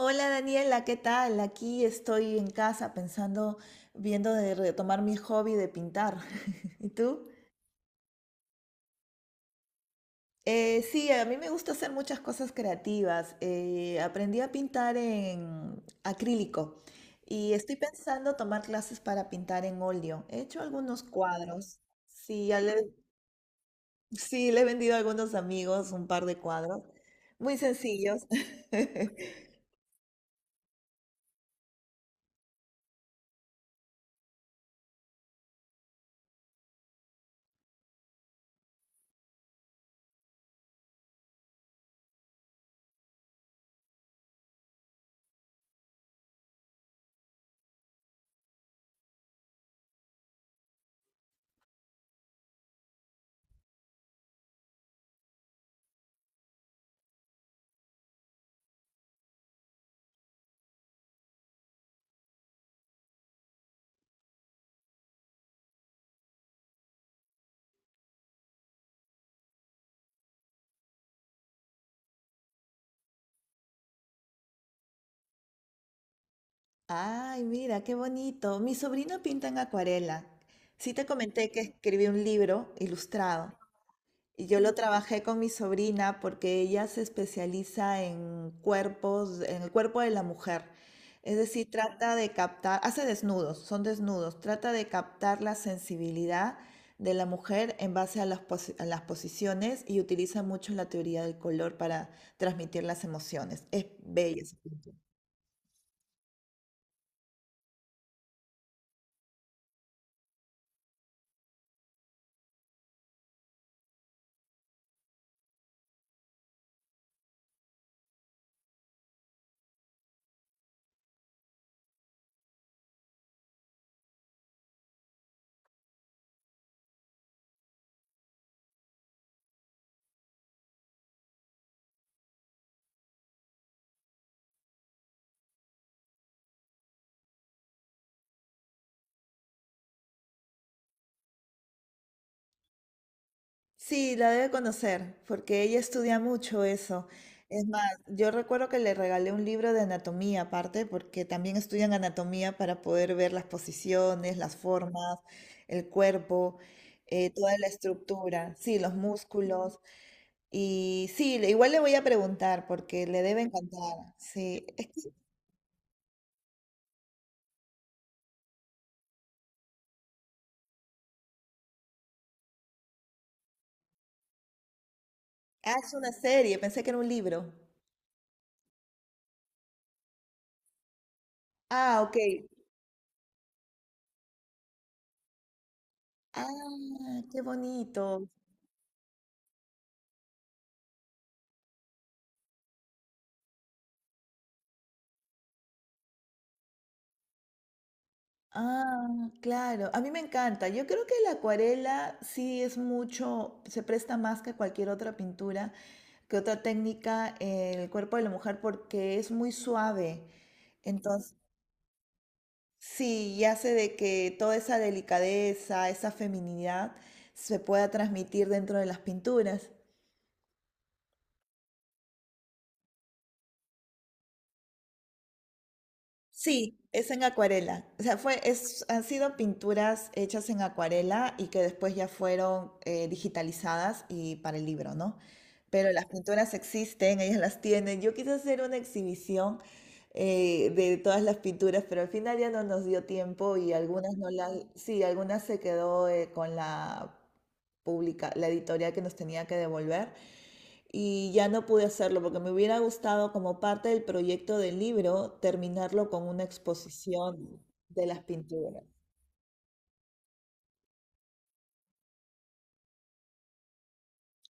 Hola Daniela, ¿qué tal? Aquí estoy en casa pensando, viendo de retomar mi hobby de pintar. ¿Y tú? Sí, a mí me gusta hacer muchas cosas creativas. Aprendí a pintar en acrílico y estoy pensando tomar clases para pintar en óleo. He hecho algunos cuadros. Sí, ya le, sí, le he vendido a algunos amigos un par de cuadros, muy sencillos. Ay, mira, qué bonito. Mi sobrino pinta en acuarela. Sí te comenté que escribí un libro ilustrado y yo lo trabajé con mi sobrina porque ella se especializa en cuerpos, en el cuerpo de la mujer. Es decir, trata de captar, hace desnudos, son desnudos, trata de captar la sensibilidad de la mujer en base a a las posiciones y utiliza mucho la teoría del color para transmitir las emociones. Es bella. Sí, la debe conocer, porque ella estudia mucho eso. Es más, yo recuerdo que le regalé un libro de anatomía aparte, porque también estudian anatomía para poder ver las posiciones, las formas, el cuerpo, toda la estructura, sí, los músculos. Y sí, igual le voy a preguntar, porque le debe encantar. Sí, es ah, es una serie, pensé que era un libro. Ah, ok. Ah, qué bonito. Ah, claro, a mí me encanta. Yo creo que la acuarela sí es mucho, se presta más que cualquier otra pintura, que otra técnica, el cuerpo de la mujer porque es muy suave. Entonces, sí, y hace de que toda esa delicadeza, esa feminidad se pueda transmitir dentro de las pinturas. Sí, es en acuarela. O sea, fue, es, han sido pinturas hechas en acuarela y que después ya fueron digitalizadas y para el libro, ¿no? Pero las pinturas existen, ellas las tienen. Yo quise hacer una exhibición de todas las pinturas, pero al final ya no nos dio tiempo y algunas no las, sí, algunas se quedó con la pública, la editorial que nos tenía que devolver y ya no pude hacerlo porque me hubiera gustado como parte del proyecto del libro terminarlo con una exposición de las pinturas.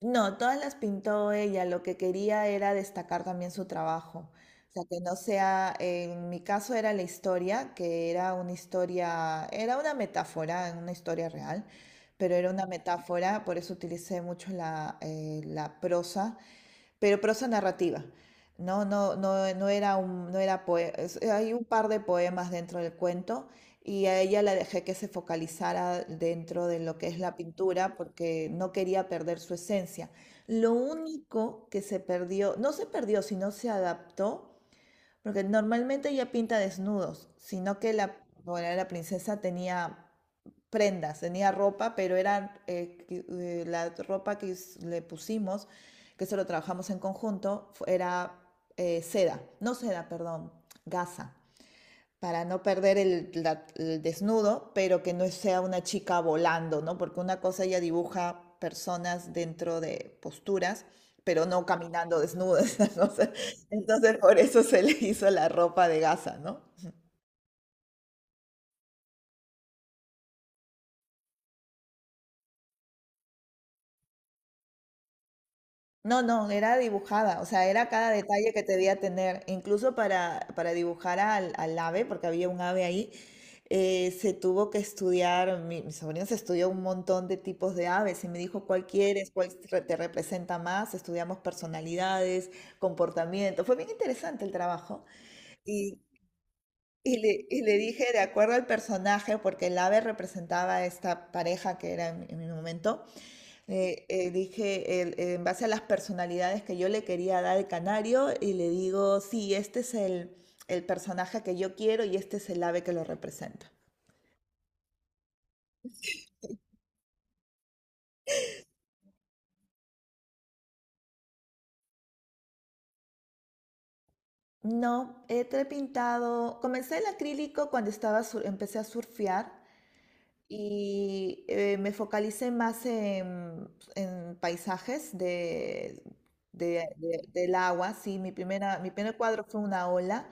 No, todas las pintó ella. Lo que quería era destacar también su trabajo. O sea, que no sea, en mi caso era la historia, que era una historia, era una metáfora, una historia real, pero era una metáfora, por eso utilicé mucho la prosa, pero prosa narrativa. No, no, no, no era un, no era poe- es- hay un par de poemas dentro del cuento y a ella la dejé que se focalizara dentro de lo que es la pintura porque no quería perder su esencia. Lo único que se perdió, no se perdió, sino se adaptó, porque normalmente ella pinta desnudos, sino bueno, la princesa tenía prendas, tenía ropa, pero era la ropa que le pusimos, que se lo trabajamos en conjunto, era seda, no seda, perdón, gasa para no perder el desnudo, pero que no sea una chica volando, ¿no? Porque una cosa ella dibuja personas dentro de posturas, pero no caminando desnudas, ¿no? O sea, entonces por eso se le hizo la ropa de gasa, ¿no? No, no, era dibujada, o sea, era cada detalle que te debía tener, incluso para dibujar al ave, porque había un ave ahí, se tuvo que estudiar, mi sobrino se estudió un montón de tipos de aves y me dijo cuál quieres, te representa más, estudiamos personalidades, comportamiento, fue bien interesante el trabajo y, y le dije de acuerdo al personaje, porque el ave representaba a esta pareja que era en mi momento dije, en base a las personalidades que yo le quería dar al canario, y le digo, sí, este es el personaje que yo quiero y este es el ave que lo representa. No, comencé el acrílico cuando empecé a surfear. Y me focalicé más en paisajes del agua, sí, mi primer cuadro fue una ola,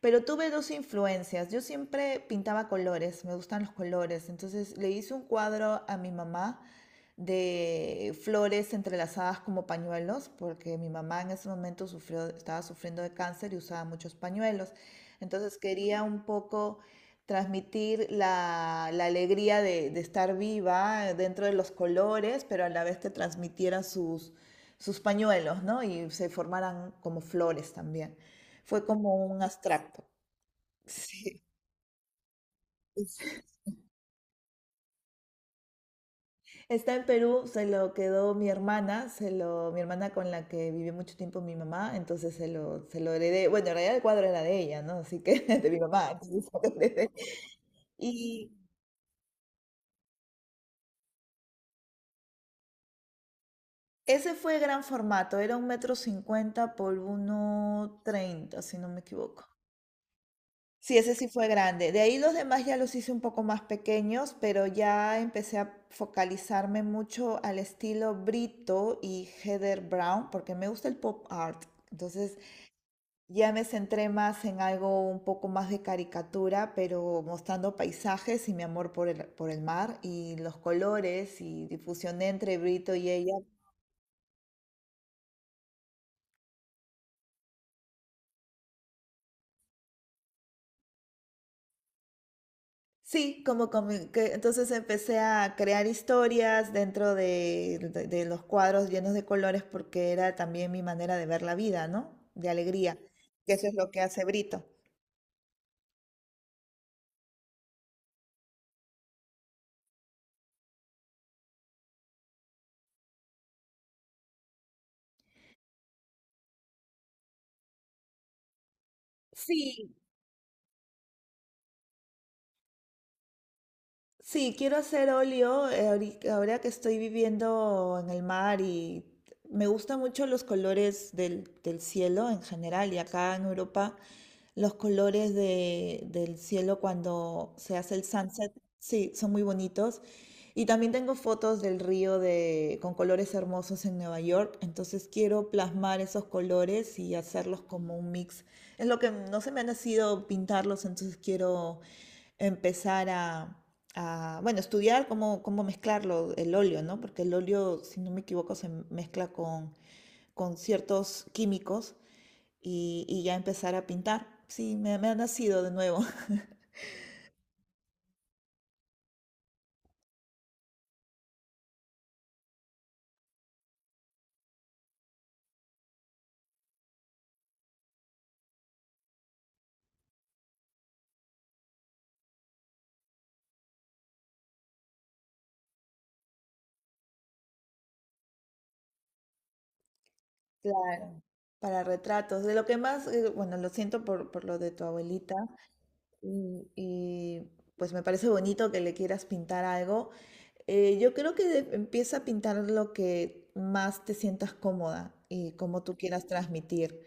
pero tuve dos influencias. Yo siempre pintaba colores, me gustan los colores, entonces le hice un cuadro a mi mamá de flores entrelazadas como pañuelos, porque mi mamá en ese momento sufrió, estaba sufriendo de cáncer y usaba muchos pañuelos. Entonces quería un poco transmitir la alegría estar viva dentro de los colores, pero a la vez te transmitiera sus pañuelos, ¿no? Y se formaran como flores también. Fue como un abstracto. Sí. Está en Perú, se lo quedó mi hermana, mi hermana con la que vivió mucho tiempo mi mamá, entonces se lo heredé. Bueno, en realidad el cuadro era de ella, ¿no? Así que de mi mamá, entonces se lo heredé. Y Ese fue gran formato, era 1,50 por 1,30 metros, si no me equivoco. Sí, ese sí fue grande. De ahí los demás ya los hice un poco más pequeños, pero ya empecé a focalizarme mucho al estilo Brito y Heather Brown, porque me gusta el pop art. Entonces ya me centré más en algo un poco más de caricatura, pero mostrando paisajes y mi amor por el mar y los colores y difusión entre Brito y ella. Sí, que entonces empecé a crear historias dentro de los cuadros llenos de colores porque era también mi manera de ver la vida, ¿no? De alegría, que eso es lo que hace Brito. Sí, Sí, quiero hacer óleo ahora que estoy viviendo en el mar y me gustan mucho los colores del cielo en general y acá en Europa los colores del cielo cuando se hace el sunset, sí, son muy bonitos. Y también tengo fotos del río de, con colores hermosos en Nueva York, entonces quiero plasmar esos colores y hacerlos como un mix. Es lo que no se me ha nacido pintarlos, entonces quiero empezar bueno, estudiar cómo mezclarlo, el óleo, ¿no? Porque el óleo, si no me equivoco, se mezcla con ciertos químicos y ya empezar a pintar. Sí, me ha nacido de nuevo. Claro. Para retratos. De lo que más, bueno, lo siento por lo de tu abuelita. Y, y, pues me parece bonito que le quieras pintar algo. Yo creo que empieza a pintar lo que más te sientas cómoda y cómo tú quieras transmitir,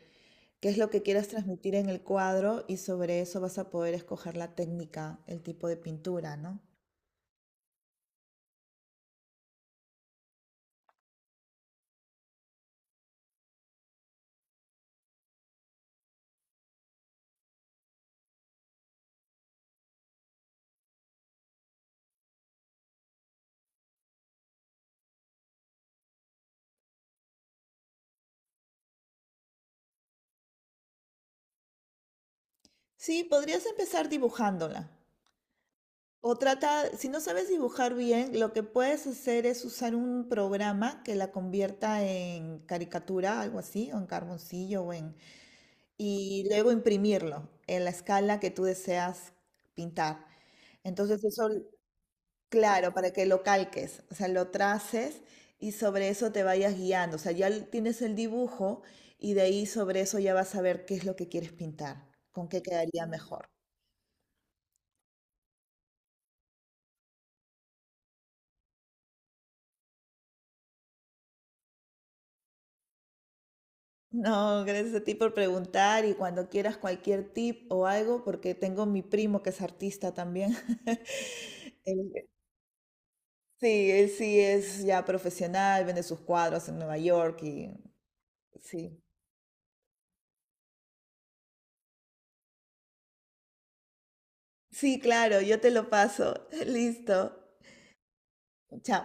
qué es lo que quieras transmitir en el cuadro y sobre eso vas a poder escoger la técnica, el tipo de pintura, ¿no? Sí, podrías empezar dibujándola. O trata, si no sabes dibujar bien, lo que puedes hacer es usar un programa que la convierta en caricatura, algo así, o en carboncillo, y luego imprimirlo en la escala que tú deseas pintar. Entonces eso, claro, para que lo calques, o sea, lo traces y sobre eso te vayas guiando. O sea, ya tienes el dibujo y de ahí sobre eso ya vas a ver qué es lo que quieres pintar, con qué quedaría mejor. No, gracias a ti por preguntar y cuando quieras cualquier tip o algo, porque tengo mi primo que es artista también. Él- sí, él sí es ya profesional, vende sus cuadros en Nueva York y sí, sí, claro, yo te lo paso. Listo. Chao.